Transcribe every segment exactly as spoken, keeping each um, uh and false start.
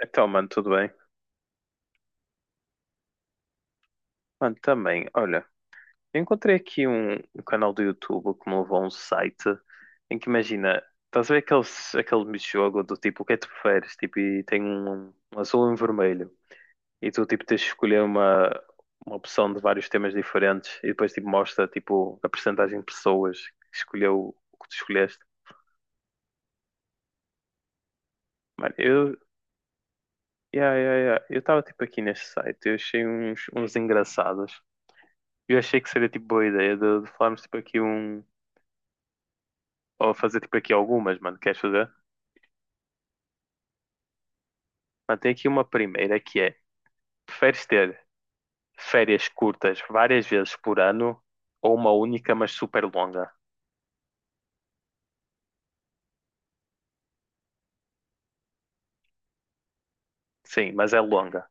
Então, mano, tudo bem? Mano, também, olha, eu encontrei aqui um, um canal do YouTube que me levou a um site em que imagina, estás a ver aqueles, aquele jogo do tipo, o que é que tu preferes? Tipo, e tem um, um azul e um vermelho. E tu, tipo, tens de escolher uma, uma opção de vários temas diferentes e depois, tipo, mostra, tipo, a percentagem de pessoas que escolheu o que tu escolheste. Mano, eu, yeah, yeah, yeah. Eu estava, tipo, aqui neste site, eu achei uns, uns engraçados. Eu achei que seria, tipo, boa ideia de, de falarmos, tipo, aqui um. Vou fazer tipo aqui algumas, mano. Queres fazer? Mano, tem aqui uma primeira que é: preferes ter férias curtas várias vezes por ano ou uma única, mas super longa? Sim, mas é longa.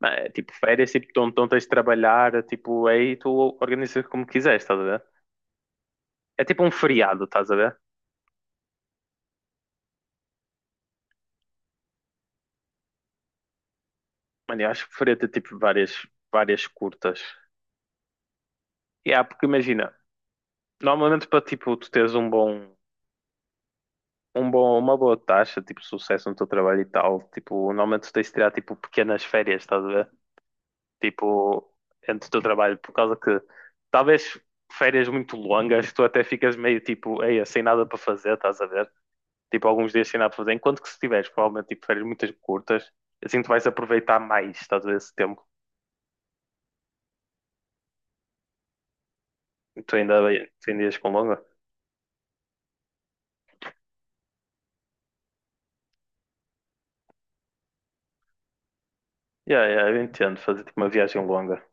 Mano, é tipo férias, tipo, tu não tu não tens de trabalhar, tipo, aí tu organizas como quiseres, estás a ver? É tipo um feriado, estás a ver? Mano, eu acho que preferia ter tipo várias, várias curtas. E yeah, porque imagina, normalmente para tipo tu teres um bom, um bom, uma boa taxa, tipo, sucesso no teu trabalho e tal. Tipo, normalmente tu tens de tirar, tipo, pequenas férias, estás a ver? Tipo, entre o teu trabalho, por causa que talvez férias muito longas, tu até ficas meio, tipo, eia, sem nada para fazer, estás a ver? Tipo, alguns dias sem nada para fazer. Enquanto que se tiveres, provavelmente, tipo, férias muito curtas, assim tu vais aproveitar mais, estás a ver, esse tempo. Tu ainda, tu ainda ias com longa? Yeah, yeah, eu entendo, fazer, tipo, uma viagem longa.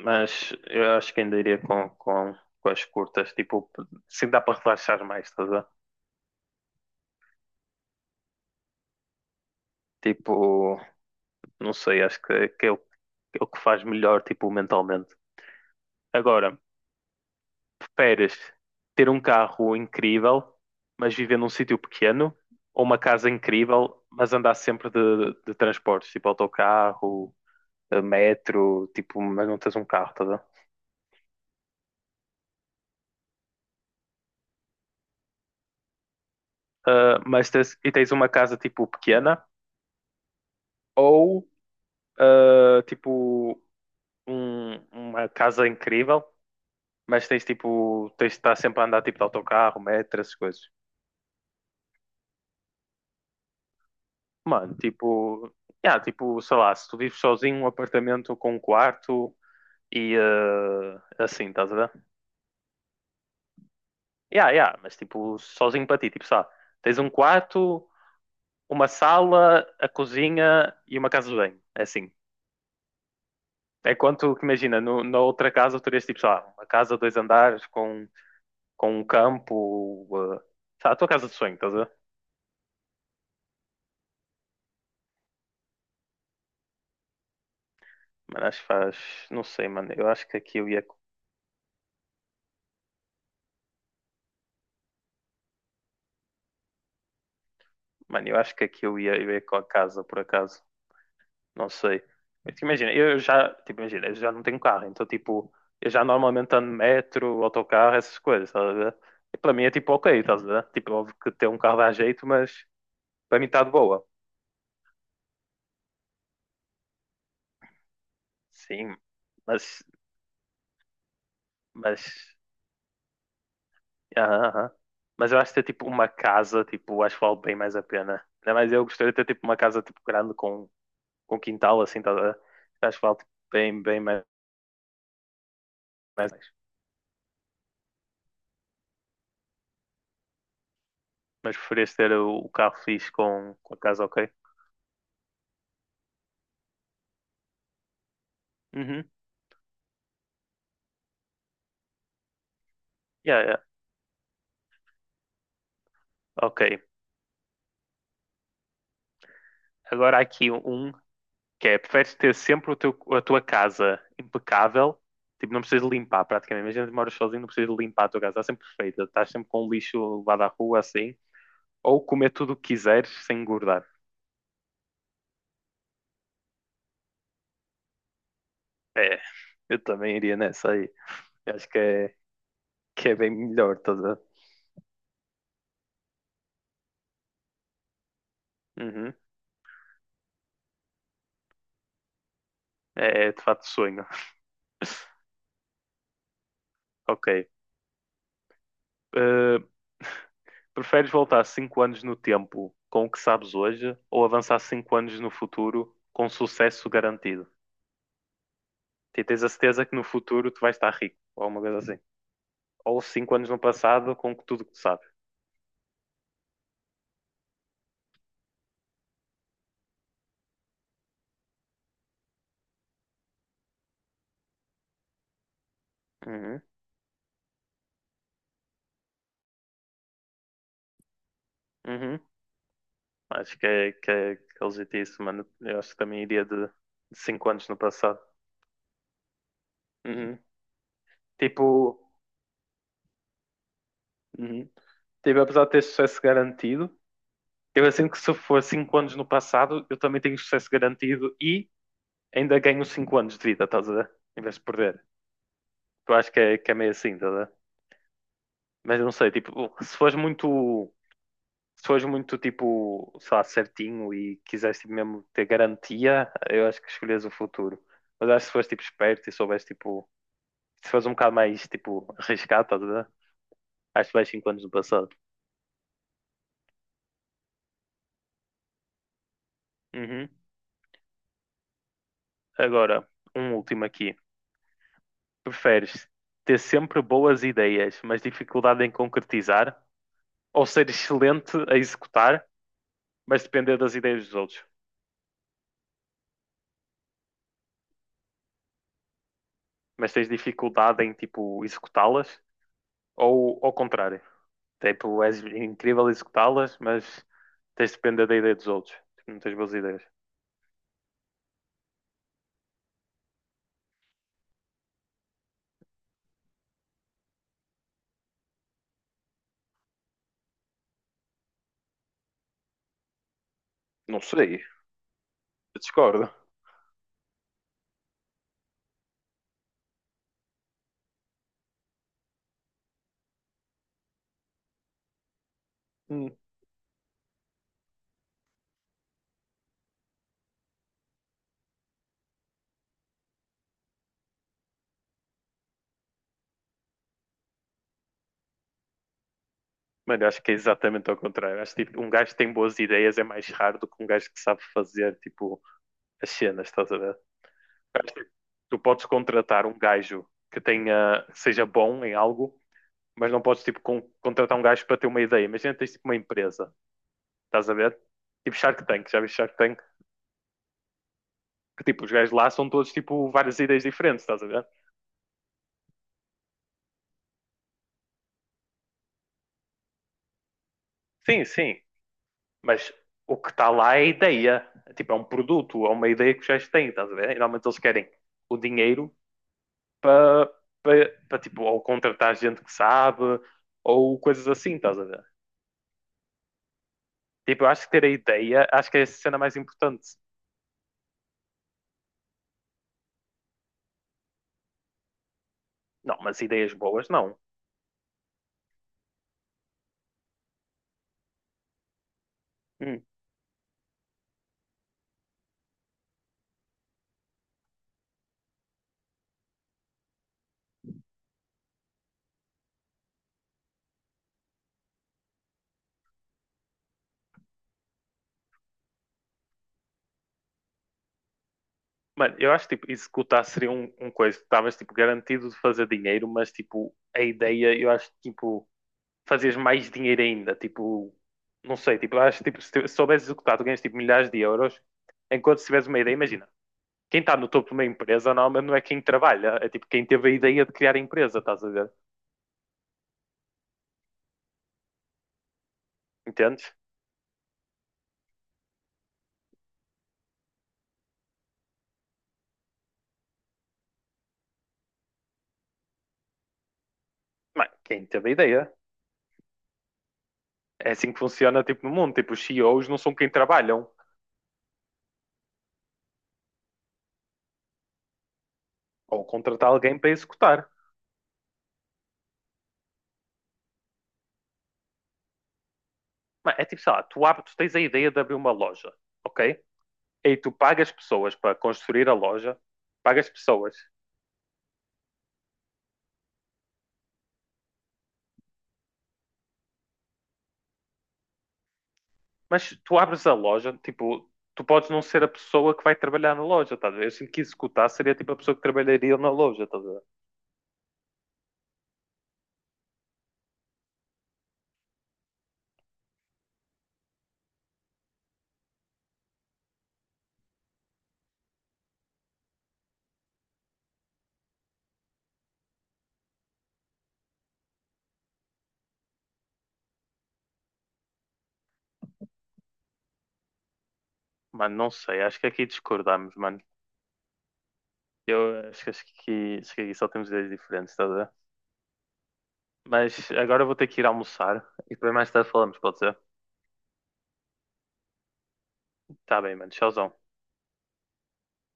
Mas eu acho que ainda iria com, com, com as curtas, tipo, se dá para relaxar mais, estás a ver? Tipo, não sei, acho que, que é o, é o que faz melhor, tipo, mentalmente. Agora, preferes ter um carro incrível, mas viver num sítio pequeno, ou uma casa incrível, mas andar sempre de, de transportes, tipo autocarro, eh, metro, tipo, mas não tens um carro, estás a ver? Ah, mas tens, e tens uma casa, tipo, pequena, ou, ah, tipo um- uma casa incrível, mas tens tipo, tens de estar sempre a andar tipo de autocarro, metro, essas coisas. Mano, tipo, yeah, tipo, sei lá, se tu vives sozinho, um apartamento com um quarto e eh, assim, estás a ver? Yeah, yeah, mas tipo, sozinho para ti, tipo, sei, tens um quarto, uma sala, a cozinha e uma casa de banho, é assim. É quanto que imagina, no, na outra casa tu terias tipo, sei lá, uma casa, dois andares com, com um campo, eh, sei lá, a tua casa de sonho, estás a ver? Mano, acho que faz. Não sei, mano. Eu acho que aqui eu ia. Mano, eu acho que aqui eu ia, eu ia com a casa, por acaso. Não sei. Mas, tipo, imagina, eu já. Tipo, imagina, eu já não tenho carro, então, tipo, eu já normalmente ando metro, autocarro, essas coisas, estás a ver? E para mim é tipo, ok, estás a ver? Tipo, óbvio que ter um carro dá jeito, mas para mim está de boa. Sim, mas. Mas. Aham, aham. Mas eu acho que ter, tipo, uma casa, tipo, acho que vale bem mais a pena. Ainda mais eu gostaria de ter, tipo, uma casa, tipo, grande com com quintal, assim, estás a a asfalto bem, bem mais. Mais nice. Mas preferias ter o, o carro fixe com, com a casa ok? Uhum. Yeah, yeah. Ok. Agora há aqui um que é, preferes ter sempre o teu, a tua casa impecável, tipo, não precisas de limpar praticamente. Imagina que moras sozinho, não precisas de limpar a tua casa, está sempre perfeita, estás sempre com o lixo levado à rua assim, ou comer tudo o que quiseres sem engordar. É, eu também iria nessa aí. Eu acho que é, que é bem melhor, toda. Uhum. É, é de fato sonho. Ok. Uh, preferes voltar cinco anos no tempo com o que sabes hoje ou avançar cinco anos no futuro com sucesso garantido? E tens a certeza que no futuro tu vais estar rico, ou alguma coisa assim. Ou cinco anos no passado com tudo que tu sabes. Uhum, uhum. Acho que é, que é, que é legítimo isso, mano. Eu acho que também iria de de cinco anos no passado. Uhum. Tipo, uhum. Tipo, apesar de ter sucesso garantido, eu sinto que se for cinco anos no passado, eu também tenho sucesso garantido e ainda ganho cinco anos de vida, estás a ver? Em vez de perder. Eu acho que é, que é meio assim, estás a ver? Mas eu não sei, tipo, se fores muito, se fores muito, tipo, sei lá, certinho e quiseres tipo, mesmo ter garantia, eu acho que escolhes o futuro. Mas acho que se fores, tipo, esperto e souberes, tipo, se fores um bocado mais, tipo, arriscado, estás a ver? Acho que vais cinco anos no passado. Uhum. Agora, um último aqui. Preferes ter sempre boas ideias, mas dificuldade em concretizar? Ou ser excelente a executar, mas depender das ideias dos outros. Mas tens dificuldade em, tipo, executá-las ou ao contrário. Tipo, és incrível a executá-las, mas tens de depender da ideia dos outros. Tipo, não tens boas ideias. Não sei, eu discordo. Hum. Mano, eu acho que é exatamente ao contrário. Acho que tipo, um gajo que tem boas ideias é mais raro do que um gajo que sabe fazer tipo, as cenas, estás a ver? Acho que tipo, tu podes contratar um gajo que tenha, seja bom em algo, mas não podes tipo, con- contratar um gajo para ter uma ideia. Imagina tens tipo, uma empresa. Estás a ver? Tipo Shark Tank, já viste Shark Tank? Que tipo, os gajos lá são todos tipo várias ideias diferentes, estás a ver? Sim, sim, mas o que está lá é a ideia. Tipo, é um produto, é uma ideia que os gajos têm, estás a ver? E normalmente eles querem o dinheiro para, para, para tipo, ou contratar gente que sabe, ou coisas assim, estás a ver? Tipo, eu acho que ter a ideia, acho que é a cena mais importante. Não, mas ideias boas, não. Hum. Mano, eu acho que tipo, executar seria um, um coisa. Estavas tipo, garantido de fazer dinheiro, mas tipo, a ideia, eu acho que tipo, fazias mais dinheiro ainda. Tipo, não sei, tipo, eu acho que tipo, se tu- se souberes executar, tu ganhas tipo, milhares de euros. Enquanto se tiveres uma ideia, imagina, quem está no topo de uma empresa normalmente não é quem trabalha, é tipo quem teve a ideia de criar a empresa, estás a ver? Entendes? Mano, quem teve a ideia. É assim que funciona tipo, no mundo. Tipo, os C E Os não são quem trabalham, ou contratar alguém para executar. Mano, é tipo, sei lá, tu, abres, tu tens a ideia de abrir uma loja, ok? Aí tu pagas pessoas para construir a loja, pagas pessoas, mas tu abres a loja, tipo, tu podes não ser a pessoa que vai trabalhar na loja, tá a ver? Eu sinto que executar seria tipo a pessoa que trabalharia na loja, tá a ver? Mano, não sei, acho que aqui discordamos, mano. Eu acho que, acho que, acho que aqui só temos ideias diferentes, tá a ver? Mas agora eu vou ter que ir almoçar e depois mais tarde falamos, pode ser? Tá bem, mano, tchauzão.